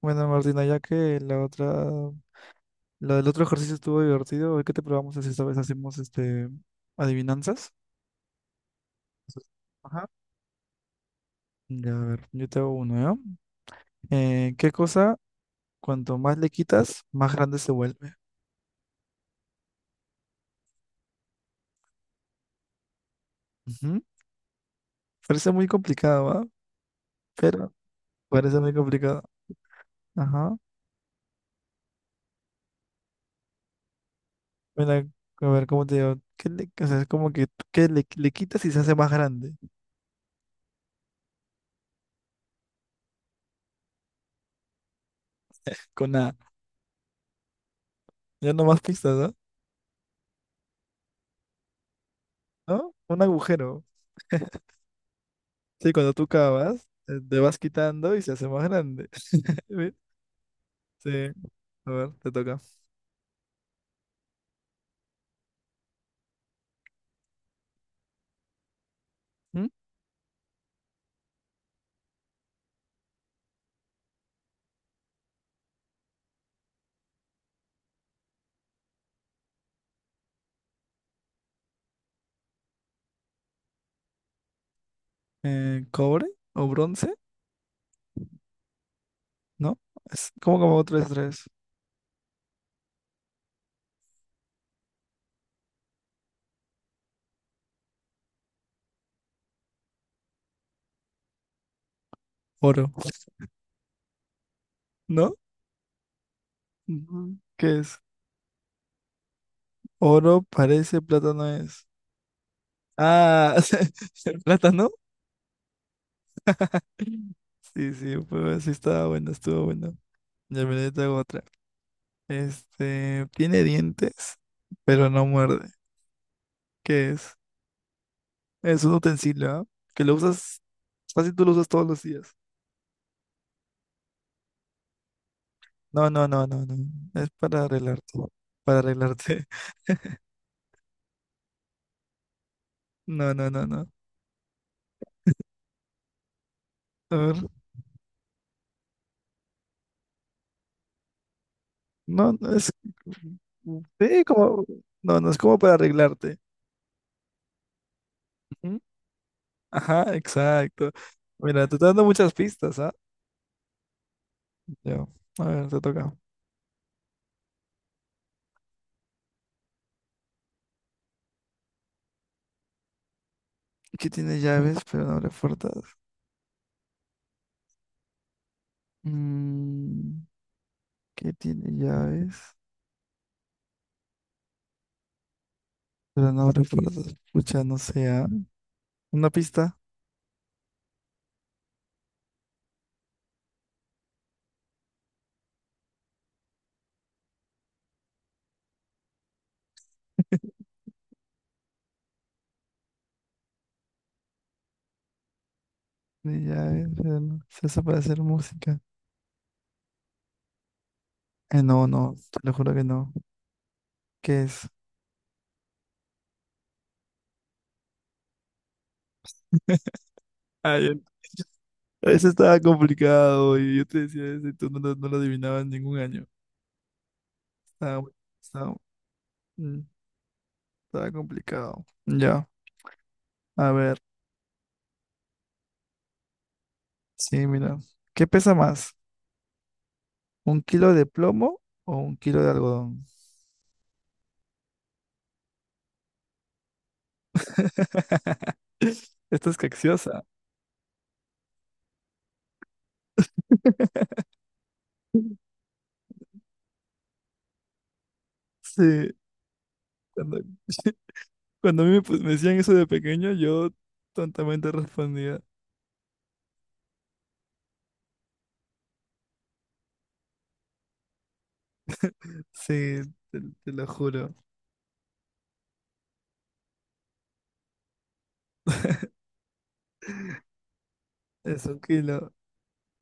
Bueno, Martina, ya que la otra, la del otro ejercicio estuvo divertido, hoy que te probamos es esta vez hacemos adivinanzas. Ajá. Ya, a ver, yo te hago uno, ¿ya? ¿Qué cosa, cuanto más le quitas, más grande se vuelve? Ujú. Parece muy complicado, ¿va? Pero parece muy complicado. Ajá. Mira, a ver, ¿cómo te digo? ¿Qué le, o sea, es como que ¿qué le, le quitas y se hace más grande? Con nada. Ya no más pistas, ¿no? ¿No? Un agujero. Sí, cuando tú cavas, te vas quitando y se hace más grande. Ve, sí, a ver, te toca. ¿Mm? ¿Cobre o bronce? ¿No? Es como tres, tres. Oro. ¿No? Ujú. ¿Qué es? Oro parece, plátano es. Ah, ¿el plátano? Sí, sí, pues sí estaba bueno, estuvo bueno. Ya me te hago otra. Este, tiene dientes, pero no muerde. ¿Qué es? Es un utensilio, ¿ah? Que lo usas, casi tú lo usas todos los días. No, no, no, no, no. Es para arreglarte. Para arreglarte. No, no, no, no. A ver. No, no es. Sí, como. No, no es como para arreglarte. Ujú. Ajá, exacto. Mira, te está dando muchas pistas, ¿ah? Ya. A ver, te toca. ¿Qué tiene llaves, pero no abre puertas? Mm, ¿qué tiene llaves? Pero no abre puertas. Pucha, no sé. ¿Ah? Una pista de llaves, pero no. Se hace para hacer música. No, no, te lo juro que no. ¿Qué es? Ay, eso estaba complicado y yo te decía eso y tú no, lo no lo adivinabas en ningún año. Estaba, muy- estaba, mm, estaba complicado. Ya, a ver, sí, mira. ¿Qué pesa más? ¿Un kilo de plomo o un kilo de algodón? Esta es capciosa. Sí, cuando, cuando a mí me, me decían eso de pequeño, yo tontamente respondía, sí, te lo juro, es un kilo.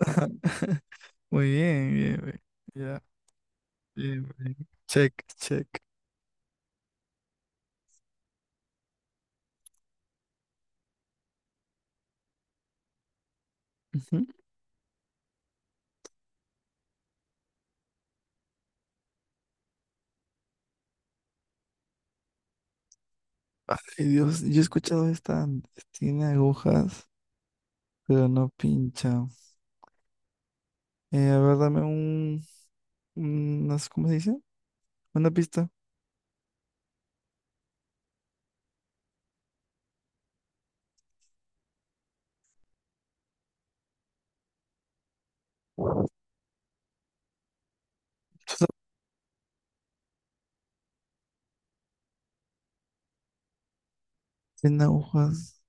Muy bien, bien, bien. Ya. Eh, eh, check, check. Ujú. Ay, Dios, yo he escuchado esta, antes. Tiene agujas, pero no pincha. A ver, unas, ¿cómo se dice? Una pista. Solo tiene agujas.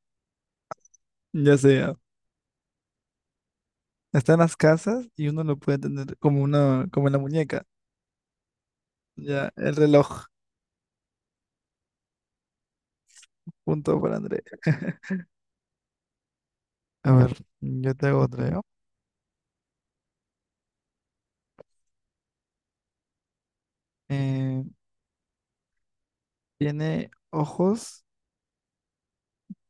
Ya sea. Está en las casas y uno lo puede tener como una, como en la muñeca. Ya, el reloj. Punto para André. A ver, yo te hago otra, ¿ya? Eh, tiene ojos,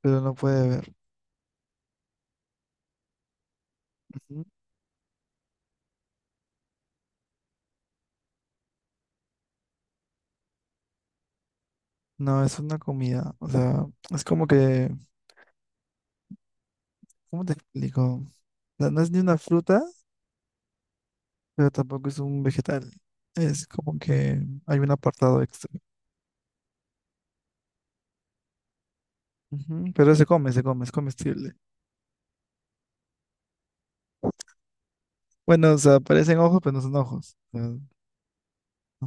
pero no puede ver. Ujú. No, es una comida. O sea, es como que, ¿cómo te explico? No, no es ni una fruta, pero tampoco es un vegetal. Es como que hay un apartado extra. Ujú, pero se come, es comestible. Bueno, o sea, parecen ojos, pero no son ojos. Ah,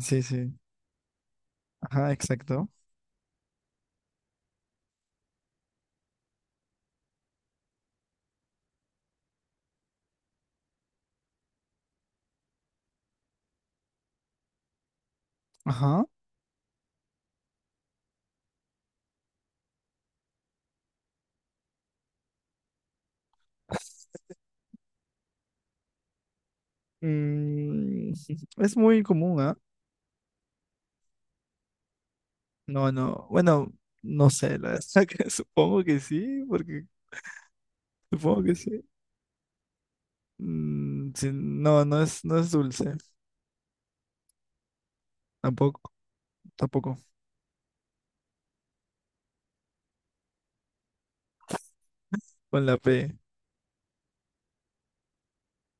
sí, sí. Ajá, exacto. Ajá. Mm, es muy común, ¿ah? No, no. Bueno, no sé, la verdad que supongo que sí, porque supongo que sí. Mm, sí, no, no es, no es dulce. Tampoco, tampoco. Con la P.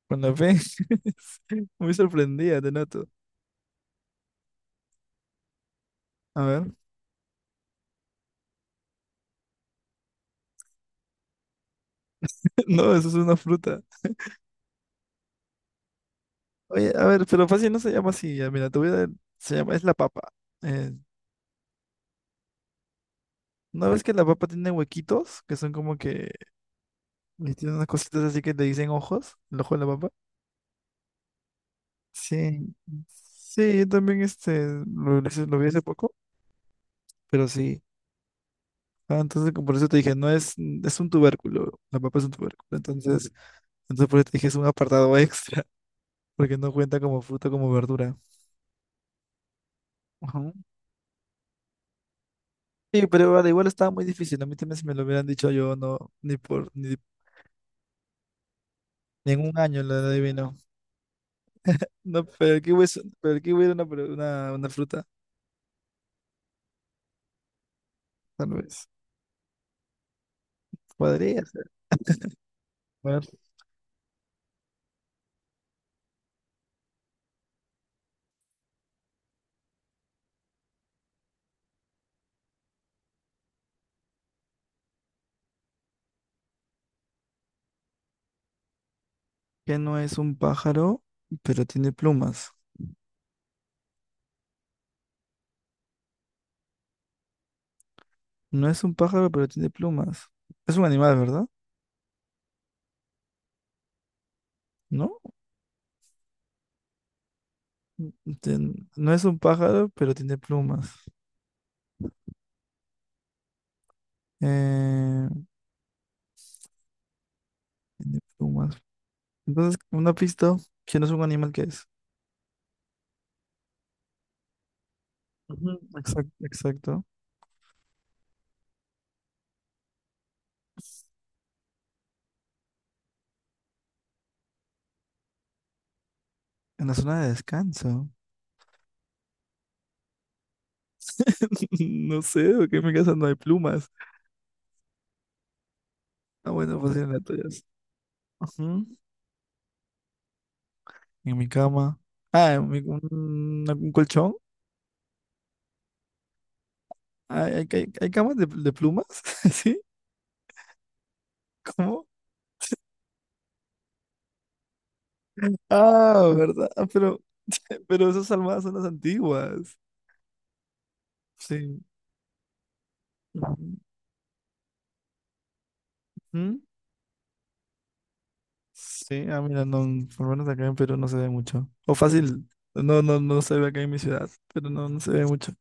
Cuando ves, muy sorprendida, te noto. A ver, no, eso es una fruta. Oye, a ver, pero fácil no se llama así. Ya, mira, te voy a dar- se llama, es la papa. Eh, ¿No ves que la papa tiene huequitos? Que son como que, y tiene unas cositas así que te dicen ojos, el ojo de la papa. Sí, sí, yo también lo hice- lo vi hace poco, pero sí. Ah, entonces como por eso te dije, no es, es un tubérculo, la papa es un tubérculo. Entonces, entonces por eso te dije, es un apartado extra, porque no cuenta como fruta, como verdura. Ajá. Sí, pero vale, igual estaba muy difícil. A mí también si me lo hubieran dicho yo, no, ni por, ni, ni en un año lo adivino. No, no, pero aquí hubiese, pero aquí hubiera una, una fruta, tal vez. Podría ser. A ver, ¿qué no es un pájaro, pero tiene plumas? No es un pájaro, pero tiene plumas. Es un animal, ¿verdad? ¿No? Ten- no es un pájaro, pero tiene plumas. Eh, tiene plumas. Entonces, una pista, si no es un animal, ¿qué es? Ujú, exacto, exacto. En la zona de descanso. No sé, porque en mi casa no hay plumas. Ah, bueno, pues en la tuya. Sí. Ujú, en mi cama. Ah, un colchón. ¿Hay, hay, hay camas de plumas? ¿Sí? ¿Cómo? Ah, ¿verdad? Ah, pero esas almohadas son las antiguas. Sí. Ujú. ¿Mm? Sí, ah, mira, no, por lo menos acá en Perú no se ve mucho. O fácil, no, no, no se ve acá en mi ciudad, pero no, no se ve mucho.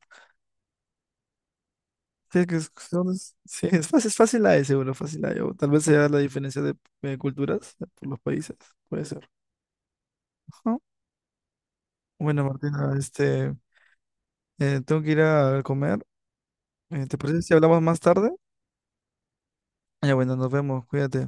Sí, que es, sí, es fácil la de seguro, fácil la de. O tal vez sea la diferencia de, culturas por los países, puede ser. Ajá. Bueno, Martina, tengo que ir a comer. ¿Te parece si hablamos más tarde? Ya, bueno, nos vemos, cuídate.